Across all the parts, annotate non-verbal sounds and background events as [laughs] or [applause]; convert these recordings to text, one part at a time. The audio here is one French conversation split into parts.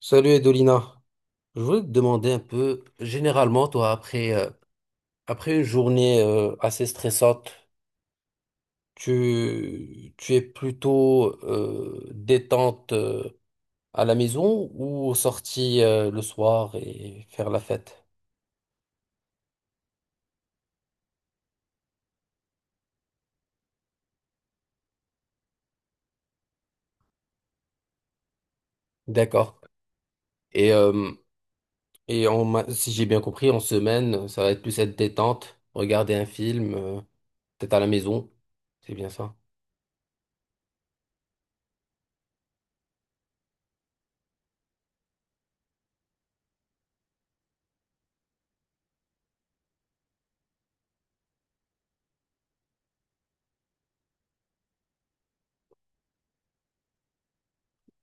Salut Edolina, je voulais te demander un peu, généralement, toi, après une journée assez stressante, tu es plutôt détente à la maison ou sortie le soir et faire la fête? D'accord. Et, euh, Si j'ai bien compris, en semaine, ça va être plus cette détente, regarder un film, peut-être à la maison. C'est bien ça.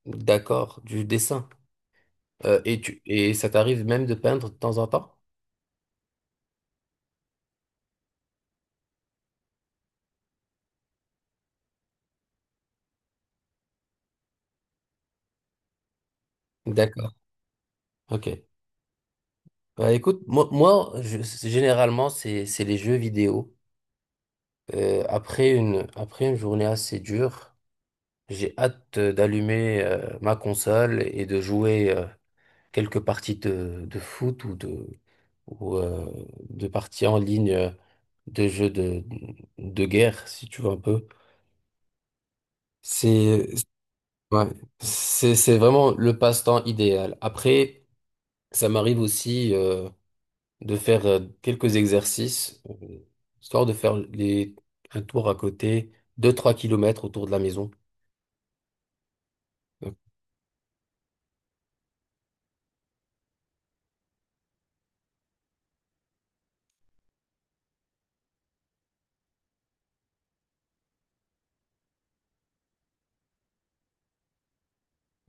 D'accord, du dessin. Et tu et Ça t'arrive même de peindre de temps en temps? D'accord, ok. Bah, écoute, généralement, c'est les jeux vidéo. Après une journée assez dure, j'ai hâte d'allumer ma console et de jouer, quelques parties de foot ou de parties en ligne de jeux de guerre, si tu veux un peu. C'est Ouais, c'est vraiment le passe-temps idéal. Après, ça m'arrive aussi de faire quelques exercices, histoire de faire un tour à côté, deux trois kilomètres autour de la maison.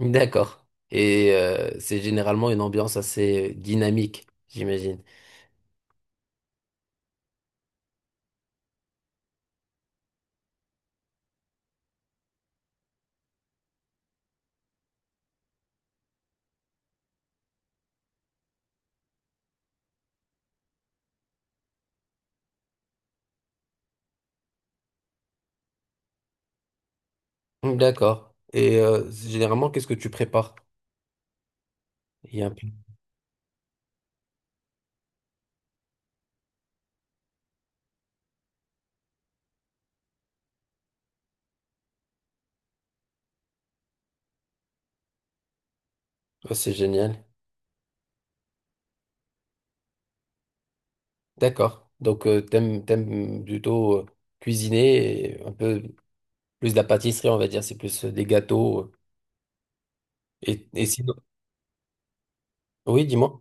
D'accord. Et c'est généralement une ambiance assez dynamique, j'imagine. D'accord. Et généralement, qu'est-ce que tu prépares? Il y a un peu- Oh, c'est génial. D'accord. Donc, t'aimes plutôt cuisiner et un peu plus de la pâtisserie, on va dire. C'est plus des gâteaux. Et sinon. Oui, dis-moi.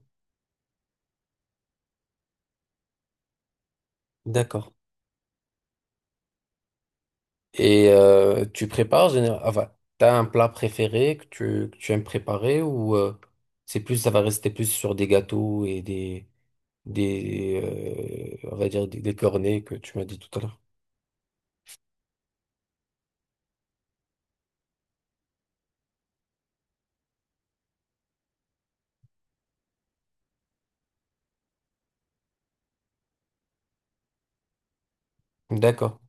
D'accord. Et tu prépares généralement. Enfin, t'as un plat préféré que tu aimes préparer ou c'est plus, ça va rester plus sur des gâteaux et des on va dire, des cornets que tu m'as dit tout à l'heure. D'accord.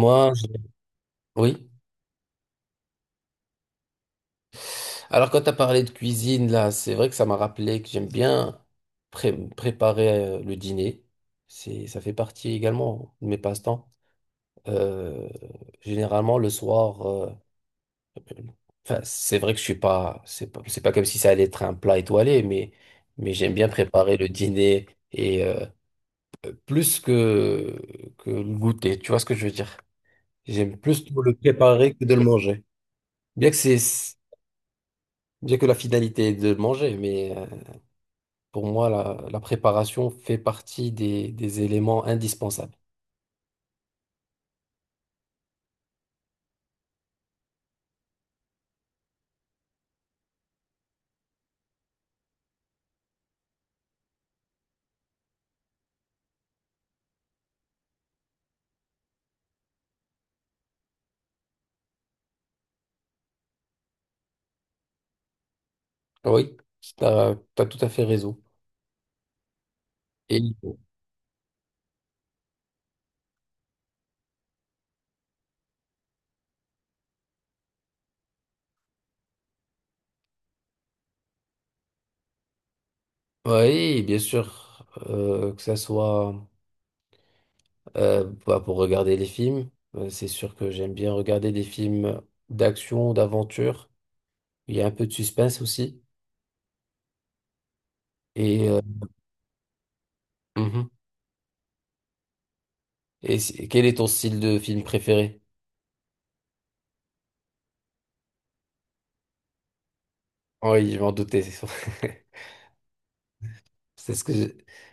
Moi, je- oui. Alors quand tu as parlé de cuisine, là, c'est vrai que ça m'a rappelé que j'aime bien préparer le dîner. Ça fait partie également de mes passe-temps. Euh, Généralement, le soir, enfin, c'est vrai que je suis pas, c'est pas, c'est pas comme si ça allait être un plat étoilé, mais j'aime bien préparer le dîner et plus que le goûter. Tu vois ce que je veux dire? J'aime plus le préparer que de le manger. Bien que c'est, Bien que la finalité est de le manger, mais, pour moi, la préparation fait partie des éléments indispensables. Oui, tu as tout à fait raison. Et oui, bien sûr, que ça soit bah, pour regarder les films, c'est sûr que j'aime bien regarder des films d'action, d'aventure. Il y a un peu de suspense aussi. Et euh, mhm. Quel est ton style de film préféré? Oh oui, je m'en doutais. [laughs] C'est ce que je-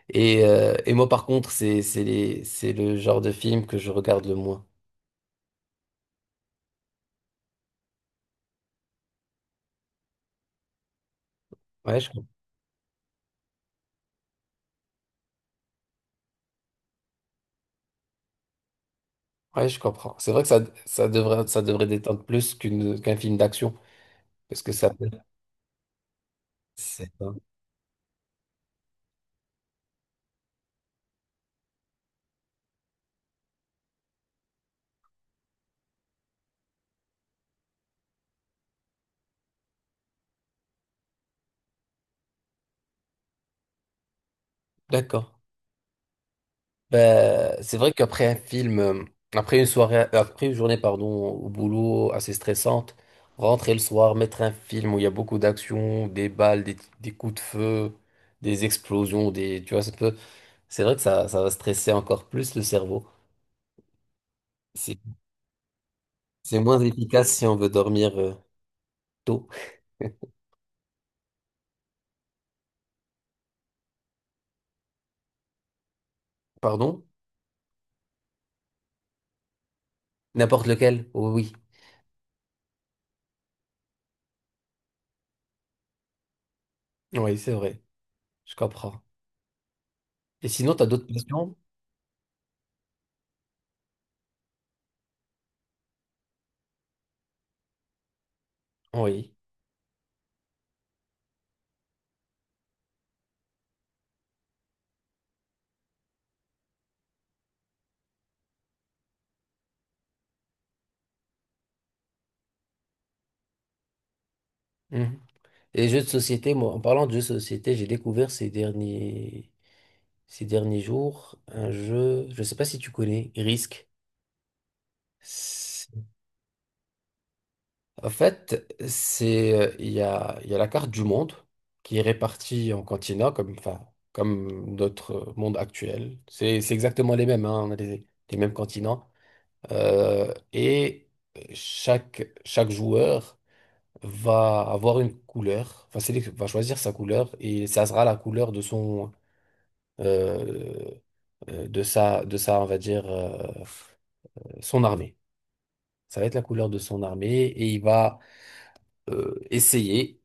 Et moi, par contre, c'est le genre de film que je regarde le moins. Ouais, je, com- ouais, je comprends. C'est vrai que ça devrait détendre plus qu'un film d'action. Parce que ça. C'est ça. D'accord. Ben, c'est vrai qu'après un film, après une soirée, après une journée, pardon, au boulot assez stressante, rentrer le soir, mettre un film où il y a beaucoup d'action, des balles, des coups de feu, des explosions, des, tu vois, ça peut, c'est vrai que ça va stresser encore plus le cerveau. C'est, c'est moins efficace si on veut dormir tôt. [laughs] Pardon? N'importe lequel? Oui, oui, c'est vrai, je comprends. Et sinon, t'as d'autres questions? Oui. Et jeux de société, moi, en parlant de jeux de société, j'ai découvert ces derniers jours un jeu, je ne sais pas si tu connais, Risk. C'est- En fait, c'est, il y a la carte du monde qui est répartie en continents, comme, enfin, comme notre monde actuel. C'est exactement les mêmes, hein, on a les mêmes continents. Et chaque joueur va avoir une couleur, enfin, c'est lui qui va choisir sa couleur et ça sera la couleur de son euh, on va dire, son armée. Ça va être la couleur de son armée et il va essayer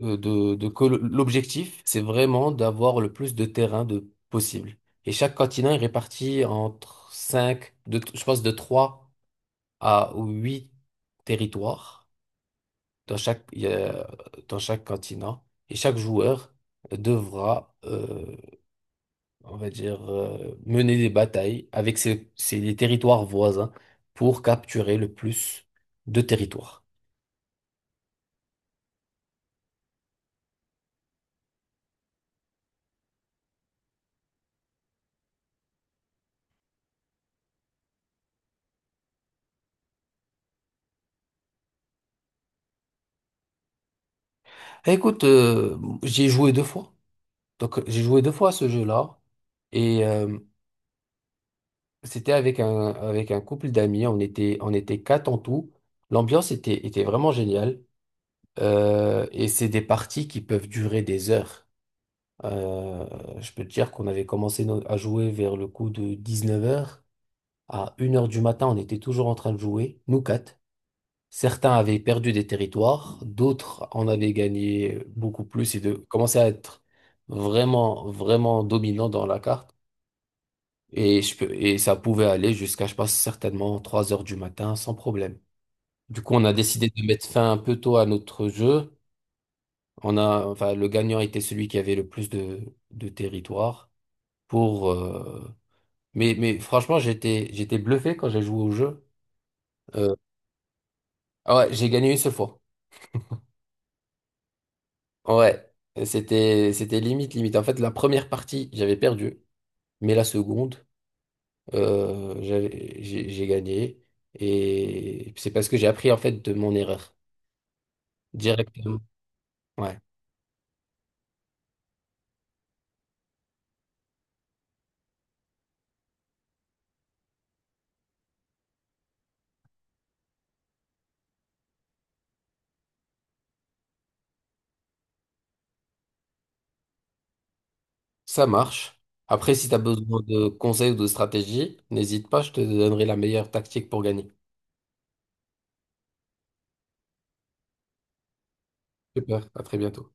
l'objectif, c'est vraiment d'avoir le plus de terrain de possible. Et chaque continent est réparti entre je pense de 3 à 8 territoires dans chaque, il y a- dans chaque continent. Et chaque joueur devra on va dire, mener des batailles avec ces territoires voisins pour capturer le plus de territoires. Écoute, j'ai joué deux fois. Donc, j'ai joué deux fois à ce jeu-là. Et c'était avec un couple d'amis. On était quatre en tout. L'ambiance était vraiment géniale. Et c'est des parties qui peuvent durer des heures. Euh, je peux te dire qu'on avait commencé à jouer vers le coup de 19h. À 1h du matin, on était toujours en train de jouer, nous quatre. Certains avaient perdu des territoires, d'autres en avaient gagné beaucoup plus et de commençaient à être vraiment, vraiment dominants dans la carte. Et ça pouvait aller jusqu'à, je pense, certainement 3h du matin sans problème. Du coup, on a décidé de mettre fin un peu tôt à notre jeu. On a, enfin, le gagnant était celui qui avait le plus de territoire pour, euh, mais franchement, j'étais bluffé quand j'ai joué au jeu. Euh, ouais, j'ai gagné une seule fois. Ouais, c'était limite limite. En fait, la première partie, j'avais perdu, mais la seconde, j'ai gagné et c'est parce que j'ai appris en fait de mon erreur directement. Ouais, ça marche. Après, si tu as besoin de conseils ou de stratégie, n'hésite pas, je te donnerai la meilleure tactique pour gagner. Super, à très bientôt.